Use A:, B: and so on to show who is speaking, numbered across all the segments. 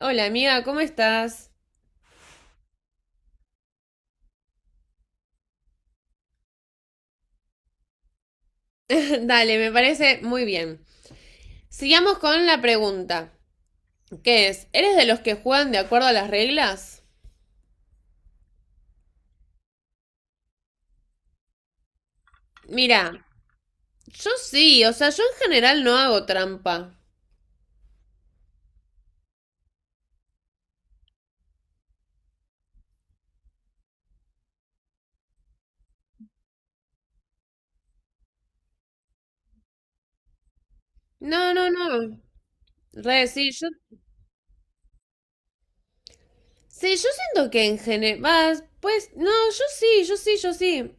A: Hola amiga, ¿cómo estás? Dale, me parece muy bien. Sigamos con la pregunta, que es, ¿eres de los que juegan de acuerdo a las reglas? Mira, yo sí, o sea, yo en general no hago trampa. No, no, no. Re, sí, yo. Sí, yo siento que en general. Pues, no, yo sí, yo sí, yo sí.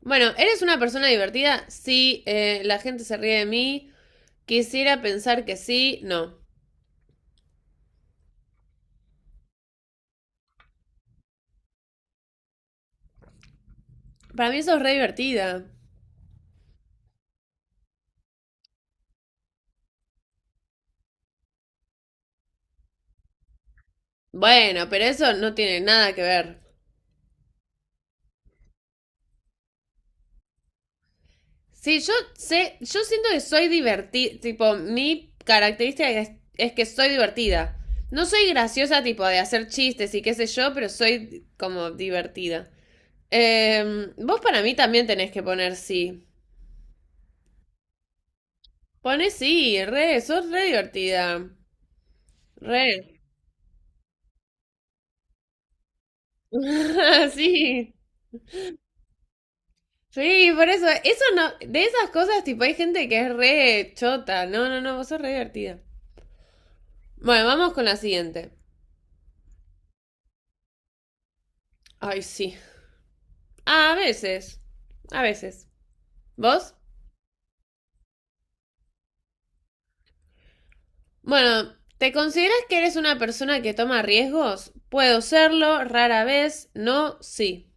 A: Bueno, ¿eres una persona divertida? Sí, la gente se ríe de mí. Quisiera pensar que sí, no. Para mí eso es re divertida. Bueno, pero eso no tiene nada que ver. Sí, yo sé, yo siento que soy divertida, tipo, mi característica es que soy divertida. No soy graciosa, tipo, de hacer chistes y qué sé yo, pero soy como divertida. Vos para mí también tenés que poner sí. Pones sí, re, sos re divertida. Re. Sí. Sí, por eso, eso no, de esas cosas, tipo, hay gente que es re chota. No, no, no, vos sos re divertida. Bueno, vamos con la siguiente. Ay, sí. A veces. A veces. ¿Vos? Bueno, ¿te consideras que eres una persona que toma riesgos? Puedo serlo, rara vez, no, sí.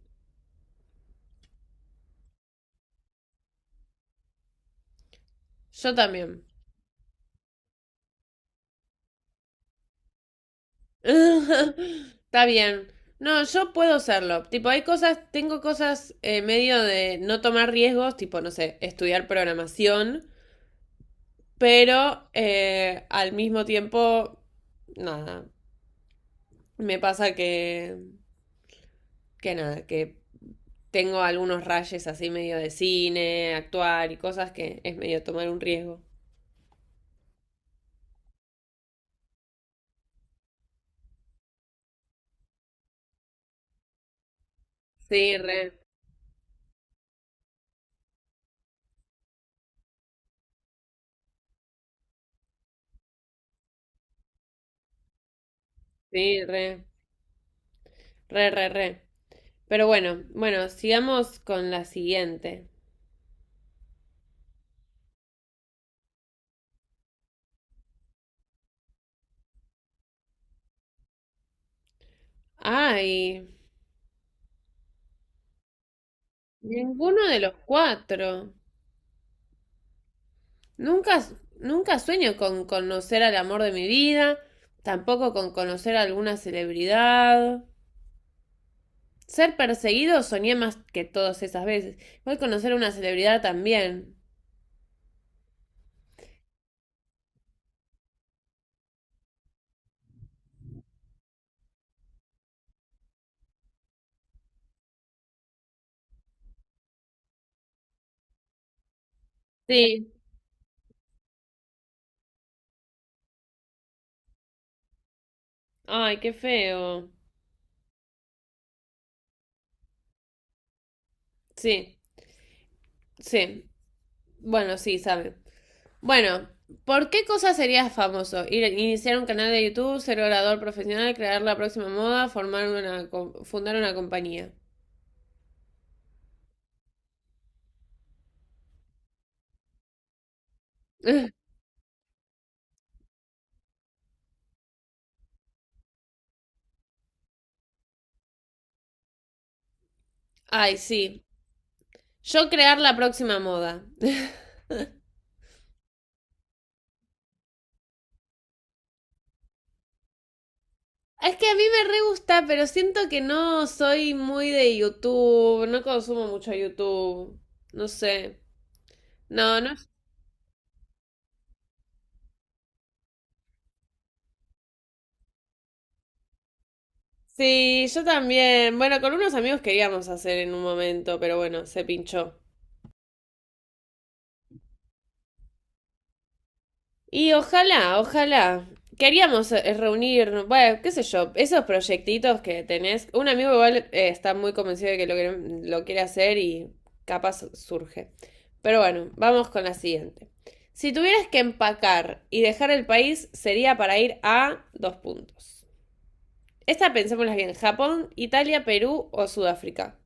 A: Yo también. Está bien. No, yo puedo serlo. Tipo, hay cosas, tengo cosas medio de no tomar riesgos, tipo, no sé, estudiar programación, pero al mismo tiempo, nada, me pasa que nada, que tengo algunos rayes así medio de cine, actuar y cosas que es medio tomar un riesgo. Sí, re, sí, re, re, re, re. Pero bueno, bueno, sigamos con la siguiente. Ay, ninguno de los cuatro. Nunca, nunca sueño con conocer al amor de mi vida, tampoco con conocer a alguna celebridad. Ser perseguido soñé más que todas esas veces. Voy a conocer a una celebridad también. Sí. Ay, qué feo. Sí, sí. Bueno, sí, sabe. Bueno, ¿por qué cosa serías famoso? Ir, iniciar un canal de YouTube, ser orador profesional, crear la próxima moda, formar una, co- fundar una compañía. Ay, sí. Yo crear la próxima moda. Es que a mí me re gusta, pero siento que no soy muy de YouTube, no consumo mucho YouTube, no sé. No, no. Sí, yo también. Bueno, con unos amigos queríamos hacer en un momento, pero bueno, se pinchó. Y ojalá, ojalá. Queríamos reunir, bueno, qué sé yo, esos proyectitos que tenés. Un amigo igual está muy convencido de que lo quiere hacer y capaz surge. Pero bueno, vamos con la siguiente. Si tuvieras que empacar y dejar el país, sería para ir a dos puntos. Esta pensémosla bien, Japón, Italia, Perú o Sudáfrica.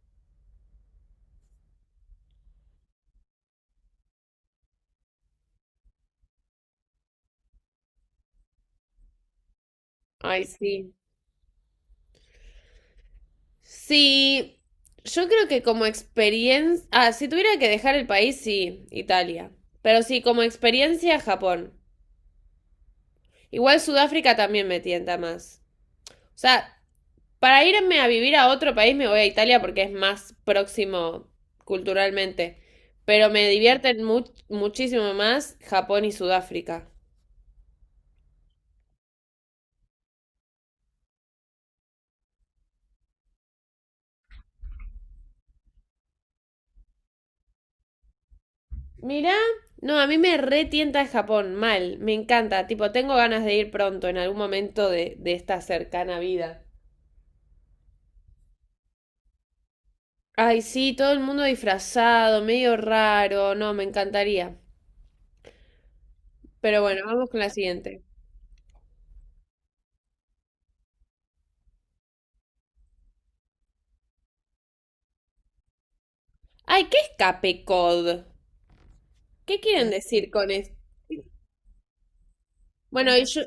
A: Ay, sí. Sí, yo creo que como experiencia. Ah, si tuviera que dejar el país, sí, Italia. Pero sí, como experiencia, Japón. Igual Sudáfrica también me tienta más. O sea, para irme a vivir a otro país me voy a Italia porque es más próximo culturalmente. Pero me divierten muchísimo más Japón y Sudáfrica. Mirá, no, a mí me retienta Japón, mal, me encanta, tipo, tengo ganas de ir pronto en algún momento de esta cercana vida. Ay, sí, todo el mundo disfrazado, medio raro, no, me encantaría. Pero bueno, vamos con la siguiente. Ay, ¿qué es Capecod? ¿Qué quieren decir con esto? Bueno, y yo,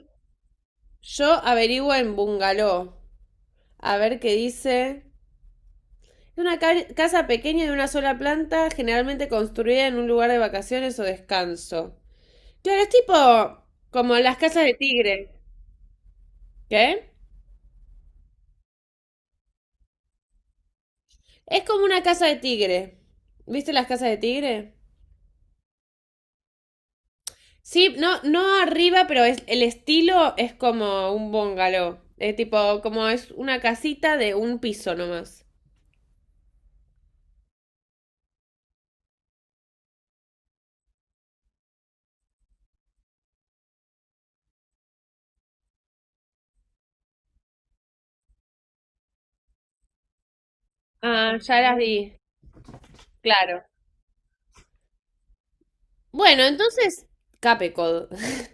A: yo averiguo en Bungalow. A ver qué dice. Es una casa pequeña de una sola planta, generalmente construida en un lugar de vacaciones o descanso. Claro, es tipo como las casas de tigre. ¿Qué? Es como una casa de tigre. ¿Viste las casas de tigre? Sí, no, no arriba, pero es, el estilo es como un bungalow. Es tipo, como es una casita de un piso nomás. Ah, ya las vi. Claro. Bueno, entonces, Capecod.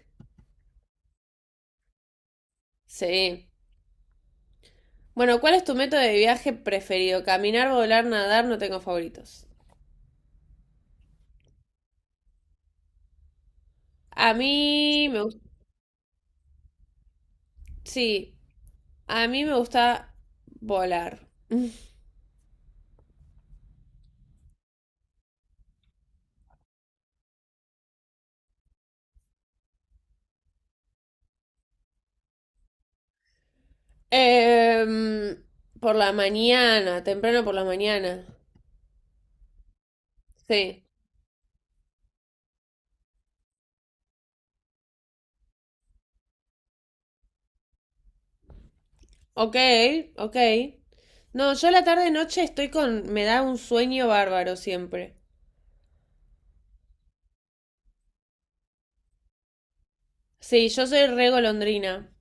A: Sí. Bueno, ¿cuál es tu método de viaje preferido? Caminar, volar, nadar, no tengo favoritos. A mí me gusta. Sí, a mí me gusta volar. Em, por la mañana, temprano por la mañana. Sí. Ok, ok. No, yo la tarde noche estoy con. Me da un sueño bárbaro siempre. Sí, yo soy re golondrina.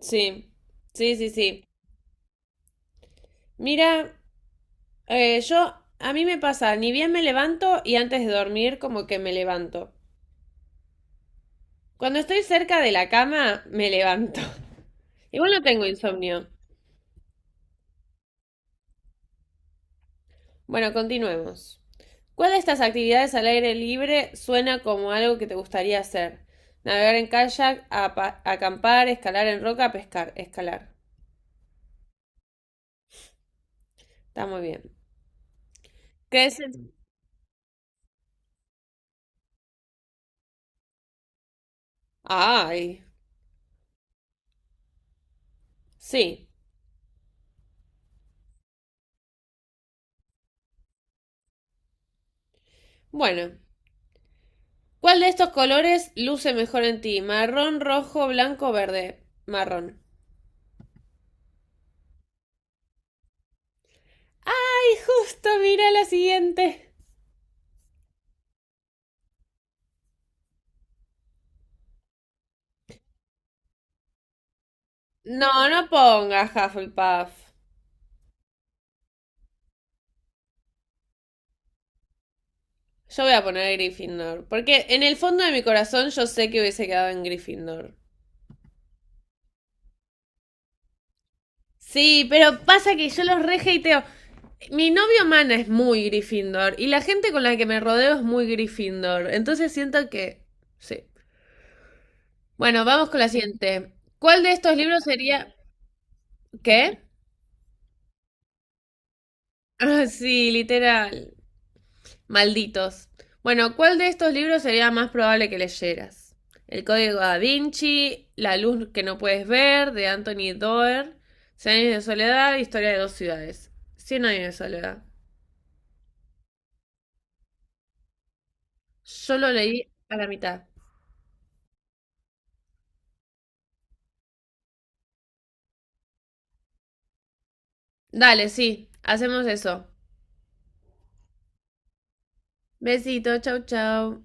A: Sí, sí, sí, sí. Mira, yo. A mí me pasa, ni bien me levanto y antes de dormir, como que me levanto. Cuando estoy cerca de la cama, me levanto. Igual no tengo insomnio. Bueno, continuemos. ¿Cuál de estas actividades al aire libre suena como algo que te gustaría hacer? Navegar en kayak, acampar, escalar en roca, pescar, escalar. Está muy bien. ¿Qué es el- Ay, sí. Bueno, ¿cuál de estos colores luce mejor en ti? Marrón, rojo, blanco, verde. Marrón. Ay, justo, mira la siguiente. No, no pongas Hufflepuff. Yo voy a poner Gryffindor. Porque en el fondo de mi corazón yo sé que hubiese quedado en Gryffindor. Sí, pero pasa que yo los rejeiteo. Mi novio Mana es muy Gryffindor. Y la gente con la que me rodeo es muy Gryffindor. Entonces siento que. Sí. Bueno, vamos con la siguiente. ¿Cuál de estos libros sería. ¿Qué? Ah, sí, literal. Malditos. Bueno, ¿cuál de estos libros sería más probable que leyeras? El Código Da Vinci, La luz que no puedes ver, de Anthony Doerr, Cien años de soledad, Historia de dos ciudades. Cien años de soledad. Yo lo leí a la mitad. Dale, sí, hacemos eso. Besito, chau, chau.